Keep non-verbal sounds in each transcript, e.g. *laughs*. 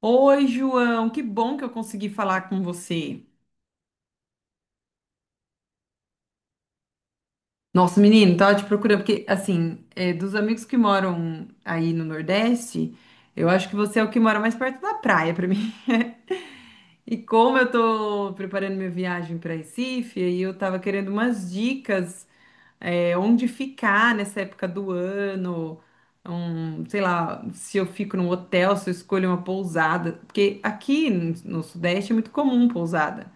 Oi, João, que bom que eu consegui falar com você. Nossa, menino, tava te procurando, porque, assim, é, dos amigos que moram aí no Nordeste, eu acho que você é o que mora mais perto da praia pra mim. *laughs* E como eu tô preparando minha viagem pra Recife, aí eu tava querendo umas dicas, é, onde ficar nessa época do ano, sei lá, se eu fico num hotel, se eu escolho uma pousada, porque aqui no Sudeste é muito comum pousada.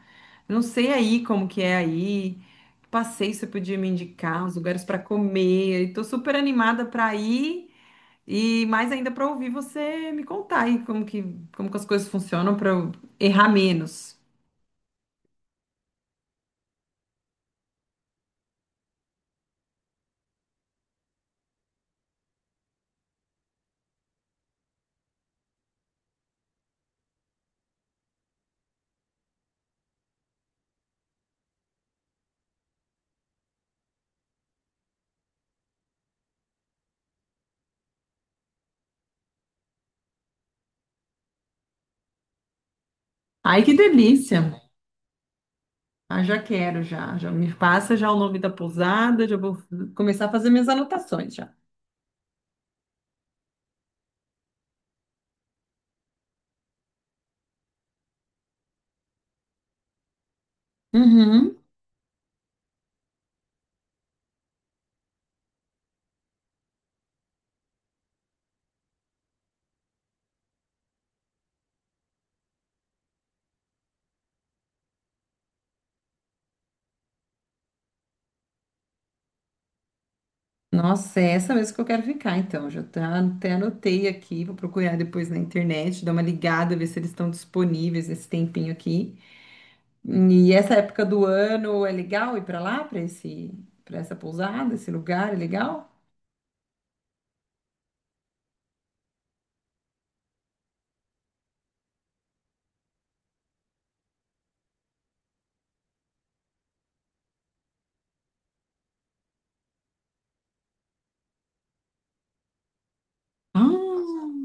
Eu não sei aí como que é aí. Que passeio você podia me indicar, os lugares para comer. Estou super animada para ir e mais ainda para ouvir você me contar aí como que as coisas funcionam para eu errar menos. Ai, que delícia! Ah, já quero, já. Já me passa já o nome da pousada, já vou começar a fazer minhas anotações já. Uhum. Nossa, é essa mesmo que eu quero ficar, então. Já tá, até anotei aqui, vou procurar depois na internet, dar uma ligada, ver se eles estão disponíveis nesse tempinho aqui. E essa época do ano é legal ir para lá, para esse, para essa pousada, esse lugar é legal? Ah,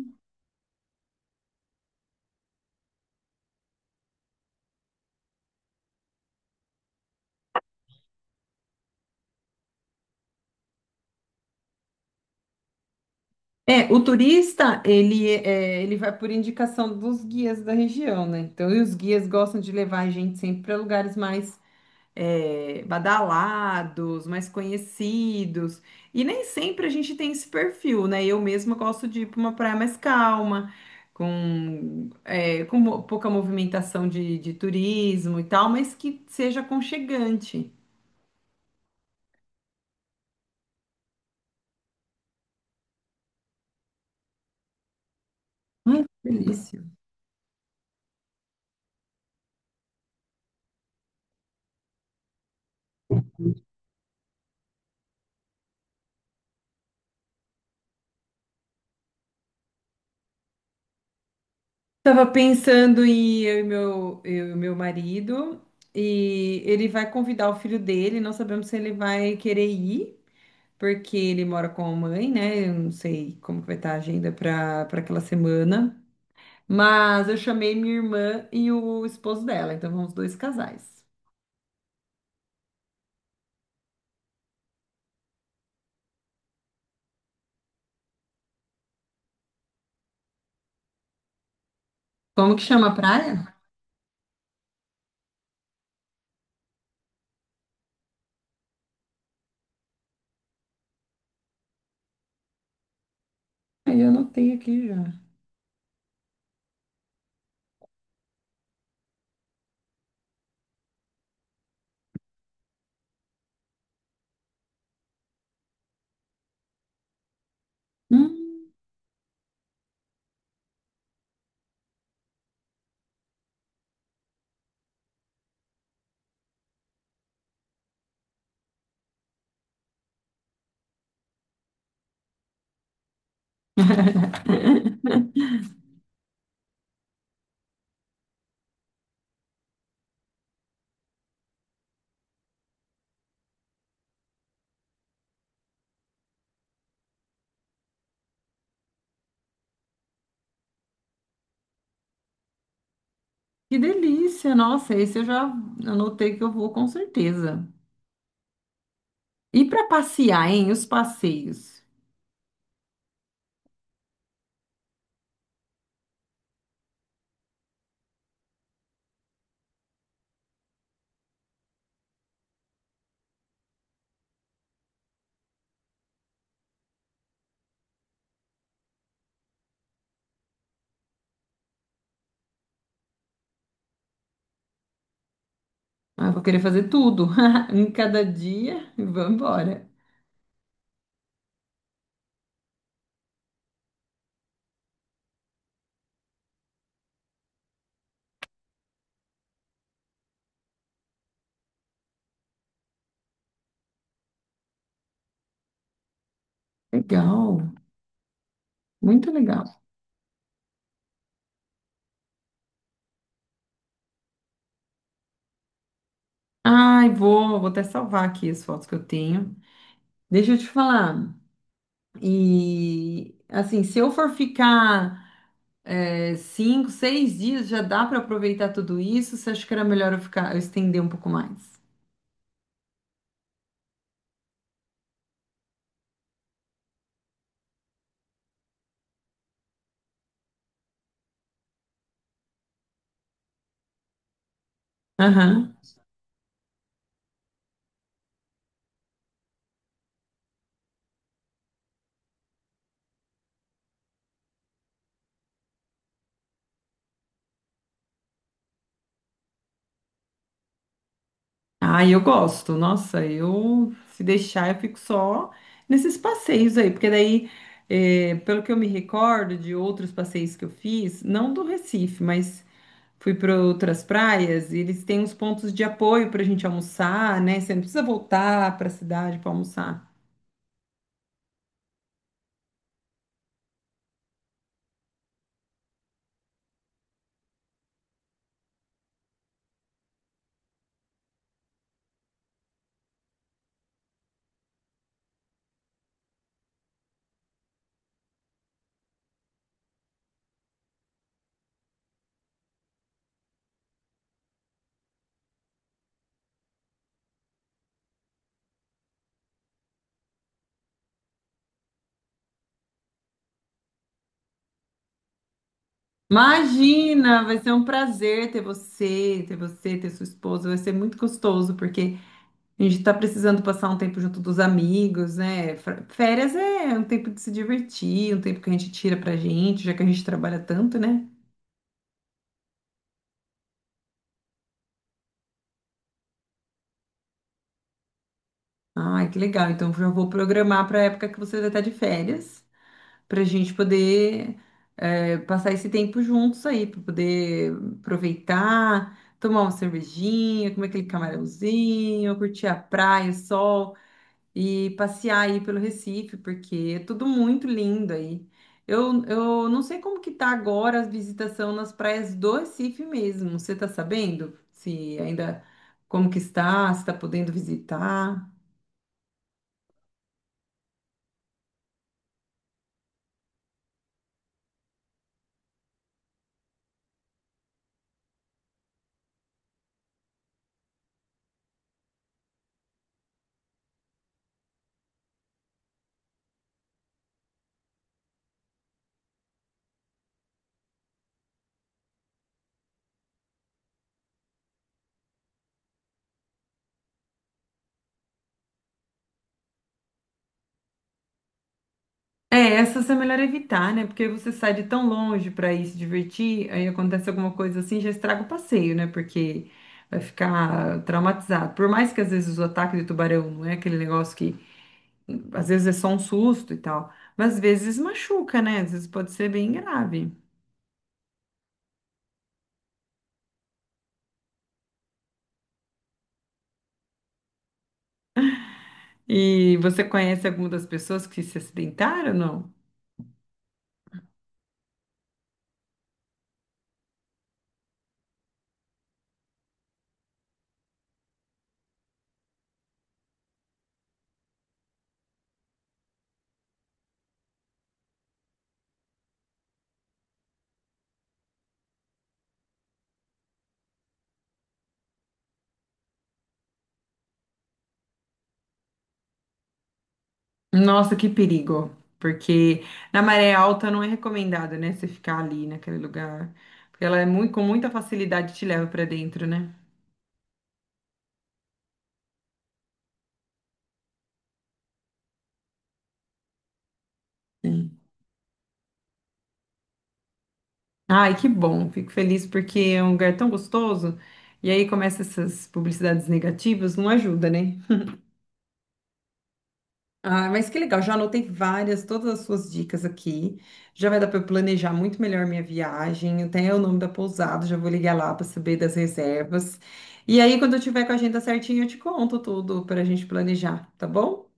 é, o turista, ele, é, ele vai por indicação dos guias da região, né? Então, e os guias gostam de levar a gente sempre para lugares mais é, badalados, mais conhecidos. E nem sempre a gente tem esse perfil, né? Eu mesma gosto de ir para uma praia mais calma, com, é, pouca movimentação de turismo e tal, mas que seja aconchegante. Ai, que delícia. Estava pensando em eu e meu marido, e ele vai convidar o filho dele, não sabemos se ele vai querer ir, porque ele mora com a mãe, né? Eu não sei como que vai estar a agenda para aquela semana. Mas eu chamei minha irmã e o esposo dela, então vamos dois casais. Como que chama a praia? Aí eu anotei aqui já. Hum, *laughs* que delícia! Nossa, esse eu já anotei que eu vou com certeza. E para passear, hein? Os passeios. Ah, eu vou querer fazer tudo *laughs* em cada dia e vamos embora. Legal, muito legal. Ai, vou, vou até salvar aqui as fotos que eu tenho. Deixa eu te falar. E assim, se eu for ficar é, cinco, seis dias, já dá para aproveitar tudo isso? Você acha que era melhor eu ficar, eu estender um pouco mais? Aham. Ah, eu gosto. Nossa, eu se deixar, eu fico só nesses passeios aí, porque daí, é, pelo que eu me recordo de outros passeios que eu fiz, não do Recife, mas fui para outras praias e eles têm uns pontos de apoio para a gente almoçar, né? Você não precisa voltar para a cidade para almoçar. Imagina, vai ser um prazer ter você, ter sua esposa. Vai ser muito gostoso porque a gente está precisando passar um tempo junto dos amigos, né? Férias é um tempo de se divertir, um tempo que a gente tira pra gente, já que a gente trabalha tanto, né? Ai, que legal. Então já vou programar para a época que você vai estar de férias, para a gente poder passar esse tempo juntos aí, para poder aproveitar, tomar uma cervejinha, comer aquele camarãozinho, curtir a praia, o sol e passear aí pelo Recife, porque é tudo muito lindo aí. Eu não sei como que tá agora a visitação nas praias do Recife mesmo. Você tá sabendo? Se ainda como que está, se está podendo visitar? É, essas é melhor evitar, né? Porque você sai de tão longe para ir se divertir, aí acontece alguma coisa assim, já estraga o passeio, né? Porque vai ficar traumatizado. Por mais que às vezes o ataque de tubarão não é aquele negócio que às vezes é só um susto e tal, mas às vezes machuca, né? Às vezes pode ser bem grave. E você conhece alguma das pessoas que se acidentaram, não? Nossa, que perigo. Porque na maré alta não é recomendado, né? Você ficar ali naquele lugar. Porque ela é muito, com muita facilidade te leva pra dentro, né? Sim. Ai, que bom. Fico feliz porque é um lugar tão gostoso. E aí começa essas publicidades negativas, não ajuda, né? Ah, mas que legal, já anotei várias, todas as suas dicas aqui. Já vai dar para eu planejar muito melhor minha viagem, até o nome da pousada, já vou ligar lá para saber das reservas. E aí, quando eu tiver com a agenda certinha, eu te conto tudo para a gente planejar, tá bom?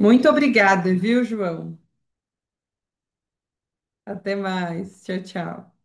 Muito obrigada, viu, João? Até mais. Tchau, tchau.